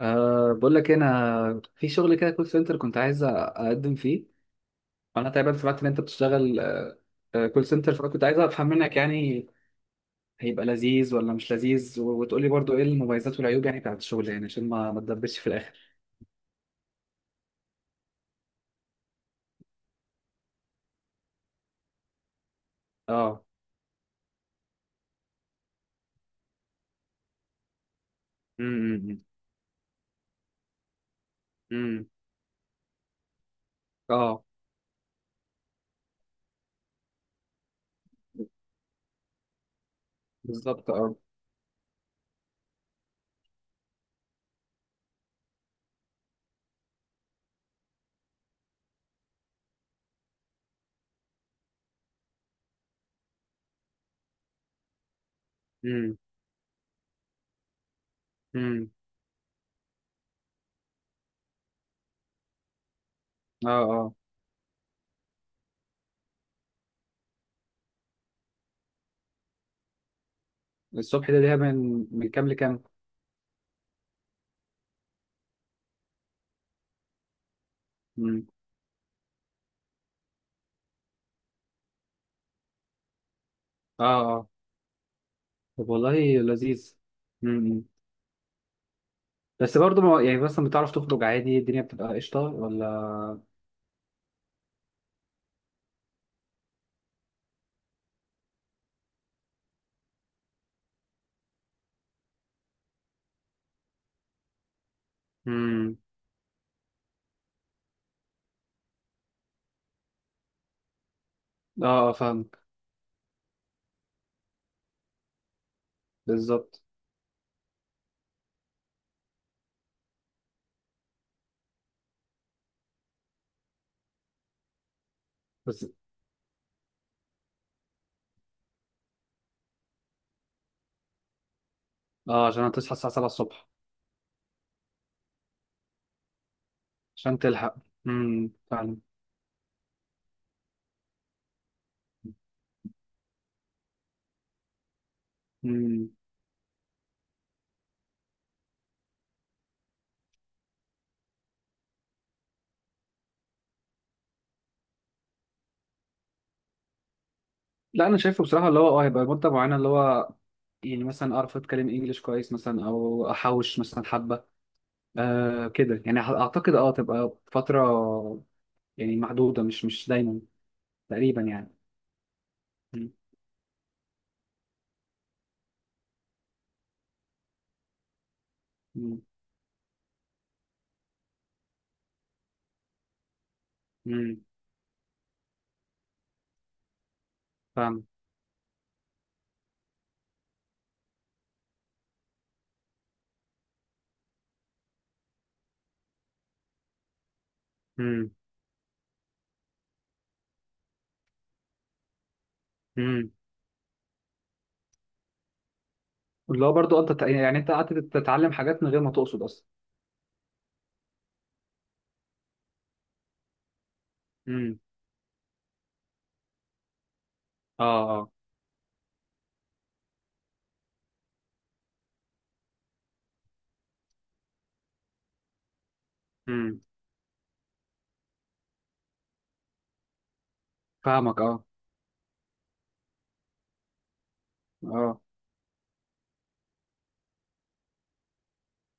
بقول لك إيه، انا في شغل كده كول سنتر كنت عايز اقدم فيه. وانا تقريبا سمعت ان انت بتشتغل كول سنتر، فانا كنت عايز افهم منك يعني هيبقى لذيذ ولا مش لذيذ، و- وتقول لي برضو ايه المميزات والعيوب يعني بتاعت الشغل، يعني عشان ما تدبسش في الاخر. اه. امم. امم. اه. بالظبط اه. امم. امم. اه اه. الصبح ده ليها من كام لكام؟ امم. اه اه. طب والله لذيذ. امم. بس برضو ما يعني مثلا بتعرف تخرج عادي، الدنيا بتبقى قشطه ولا؟ امم. اه. آه، فاهم. بالظبط. بس اه عشان هتصحى الساعة 7 الصبح عشان تلحق. فعلا. امم. لا انا شايفه بصراحة اللي هو هيبقى مدة معينة، اللي هو يعني مثلا اعرف اتكلم انجليش كويس مثلا، او احوش مثلا حبة. كده يعني، اعتقد تبقى فترة يعني محدودة، مش دايما تقريبا يعني. امم. امم فاهم. امم. امم. اللي هو برضه انت يعني انت قعدت تتعلم حاجات من غير ما تقصد اصلا. امم. اه اه. امم فاهمك اه. اه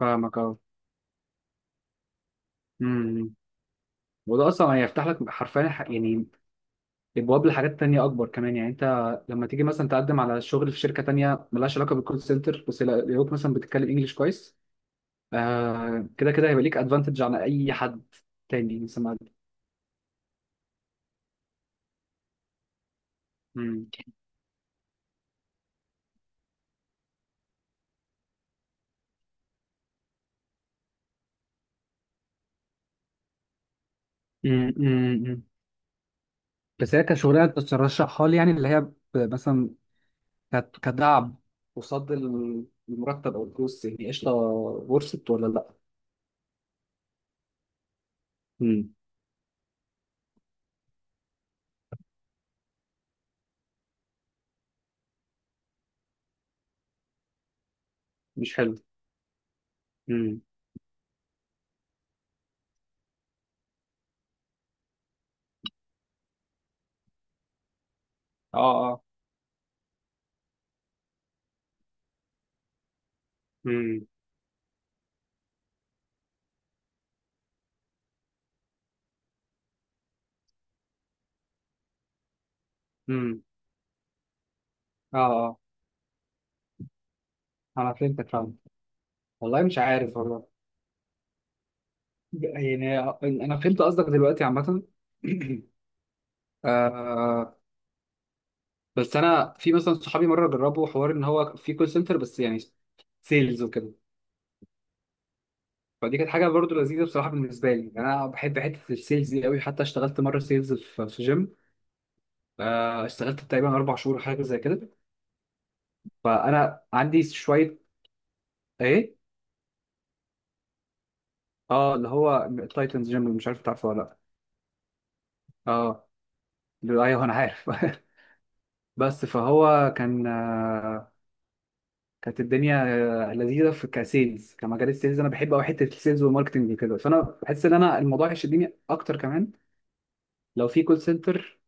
فاهمك اه. امم. امم. وده اصلا هيفتح لك حرفيا يعني ابواب لحاجات تانية اكبر كمان، يعني انت لما تيجي مثلا تقدم على شغل في شركه تانية ملهاش علاقه بالكول سنتر، بس يلاقوك مثلا بتتكلم انجليش كويس، كده كده هيبقى ليك ادفانتج عن اي حد تاني مثلا مقدم. امم. امم. امم. بس هي كشغلانه ترشحها لي يعني، اللي هي مثلا كدعم قصاد المرتب او الفلوس، يعني قشطه ورثت ولا لا؟ امم. مش حلو. امم. اه اه. امم. امم. اه اه. انا فهمتك، فاهم. والله مش عارف والله، يعني انا فهمت قصدك دلوقتي عامه. آه بس انا في مثلا صحابي مره جربوا حوار ان هو في كول سنتر، بس يعني سيلز وكده. فدي كانت حاجه برضو لذيذه بصراحه بالنسبه لي، يعني انا بحب حته السيلز دي قوي، حتى اشتغلت مره سيلز في جيم. اشتغلت تقريبا 4 شهور حاجه زي كده، فانا عندي شويه. ايه؟ اه اللي هو تايتنز جيم، مش عارف تعرفه ولا لا؟ اه ايوه انا عارف. بس فهو كان، كانت الدنيا لذيذه في كسيلز، كمجال السيلز انا بحب قوي حته السيلز والماركتنج وكده، فانا بحس ان انا الموضوع يشدني اكتر كمان لو في كول سنتر،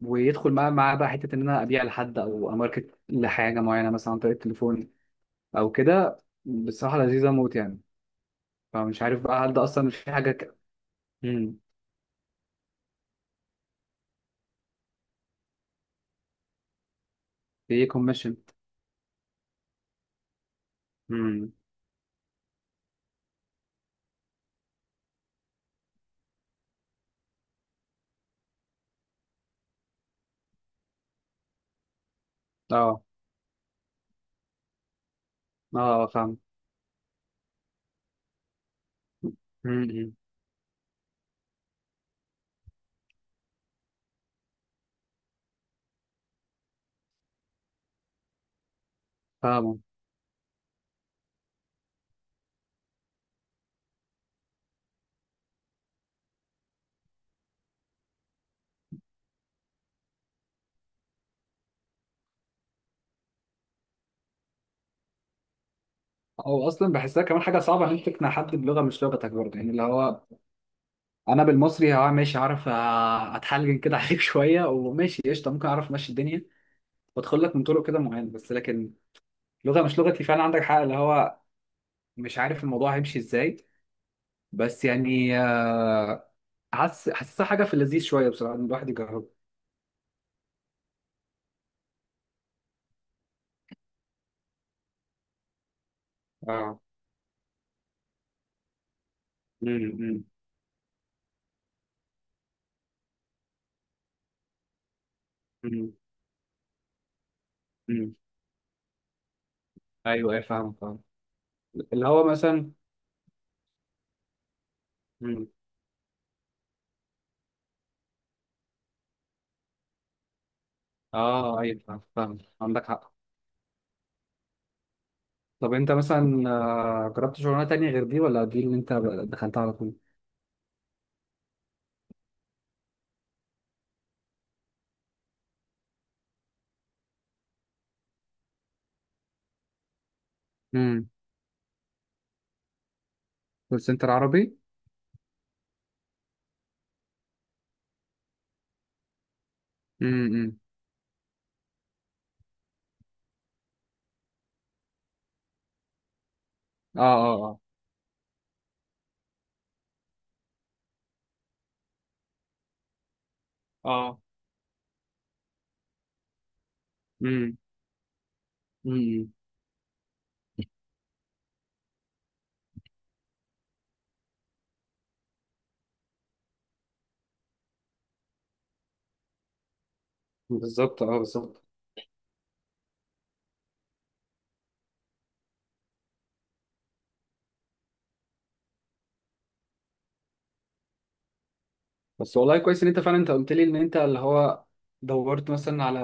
ويدخل معاه بقى حته ان انا ابيع لحد او اماركت لحاجه معينه مثلا عن طريق التليفون او كده، بصراحه لذيذه موت يعني. فمش عارف بقى هل ده اصلا مش في حاجه امم. في كوميشن. امم. اه اه فاهم. امم فاهمه. او اصلا بحسها كمان حاجه صعبه ان انت تقنع حد بلغه مش لغتك برضه، يعني اللي هو انا بالمصري اه ماشي، عارف آه، اتحلجن كده عليك شويه وماشي قشطه، ممكن اعرف امشي الدنيا وادخل لك من طرق كده معينه. بس لكن لغه مش لغتي فعلا، عندك حق اللي هو مش عارف الموضوع هيمشي ازاي. بس يعني حاسسها حاجه في اللذيذ شويه بصراحه ان الواحد يجربها. اه. مم، مم، مم، مم. ايوه ايوه فاهم فاهم. اللي هو مثلا. مم. اه ايوه فاهم فاهم، عندك حق. طب انت مثلا جربت شغلانه تانية غير دي، ولا دي اللي انت دخلتها على طول؟ امم. كول سنتر عربي. امم. امم. اه اه اه. اه. امم. امم. امم. بالظبط اه بالظبط. بس والله كويس ان انت فعلا، انت قلت لي ان انت اللي هو دورت مثلا على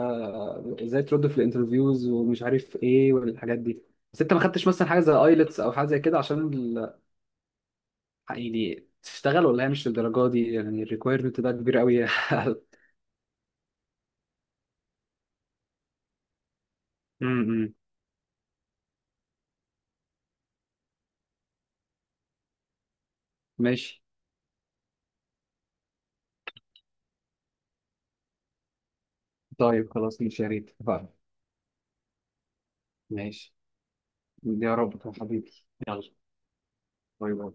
ازاي ترد في الانترفيوز ومش عارف ايه والحاجات دي. بس انت ما خدتش مثلا حاجه زي ايلتس او حاجه زي كده عشان يعني تشتغل، ولا هي مش للدرجه دي، يعني الريكويرمنت ده كبير قوي؟ امم. ماشي. طيب خلاص ماشي يا ريت اتفقنا. ماشي. يا رب يا حبيبي. يلا. باي باي.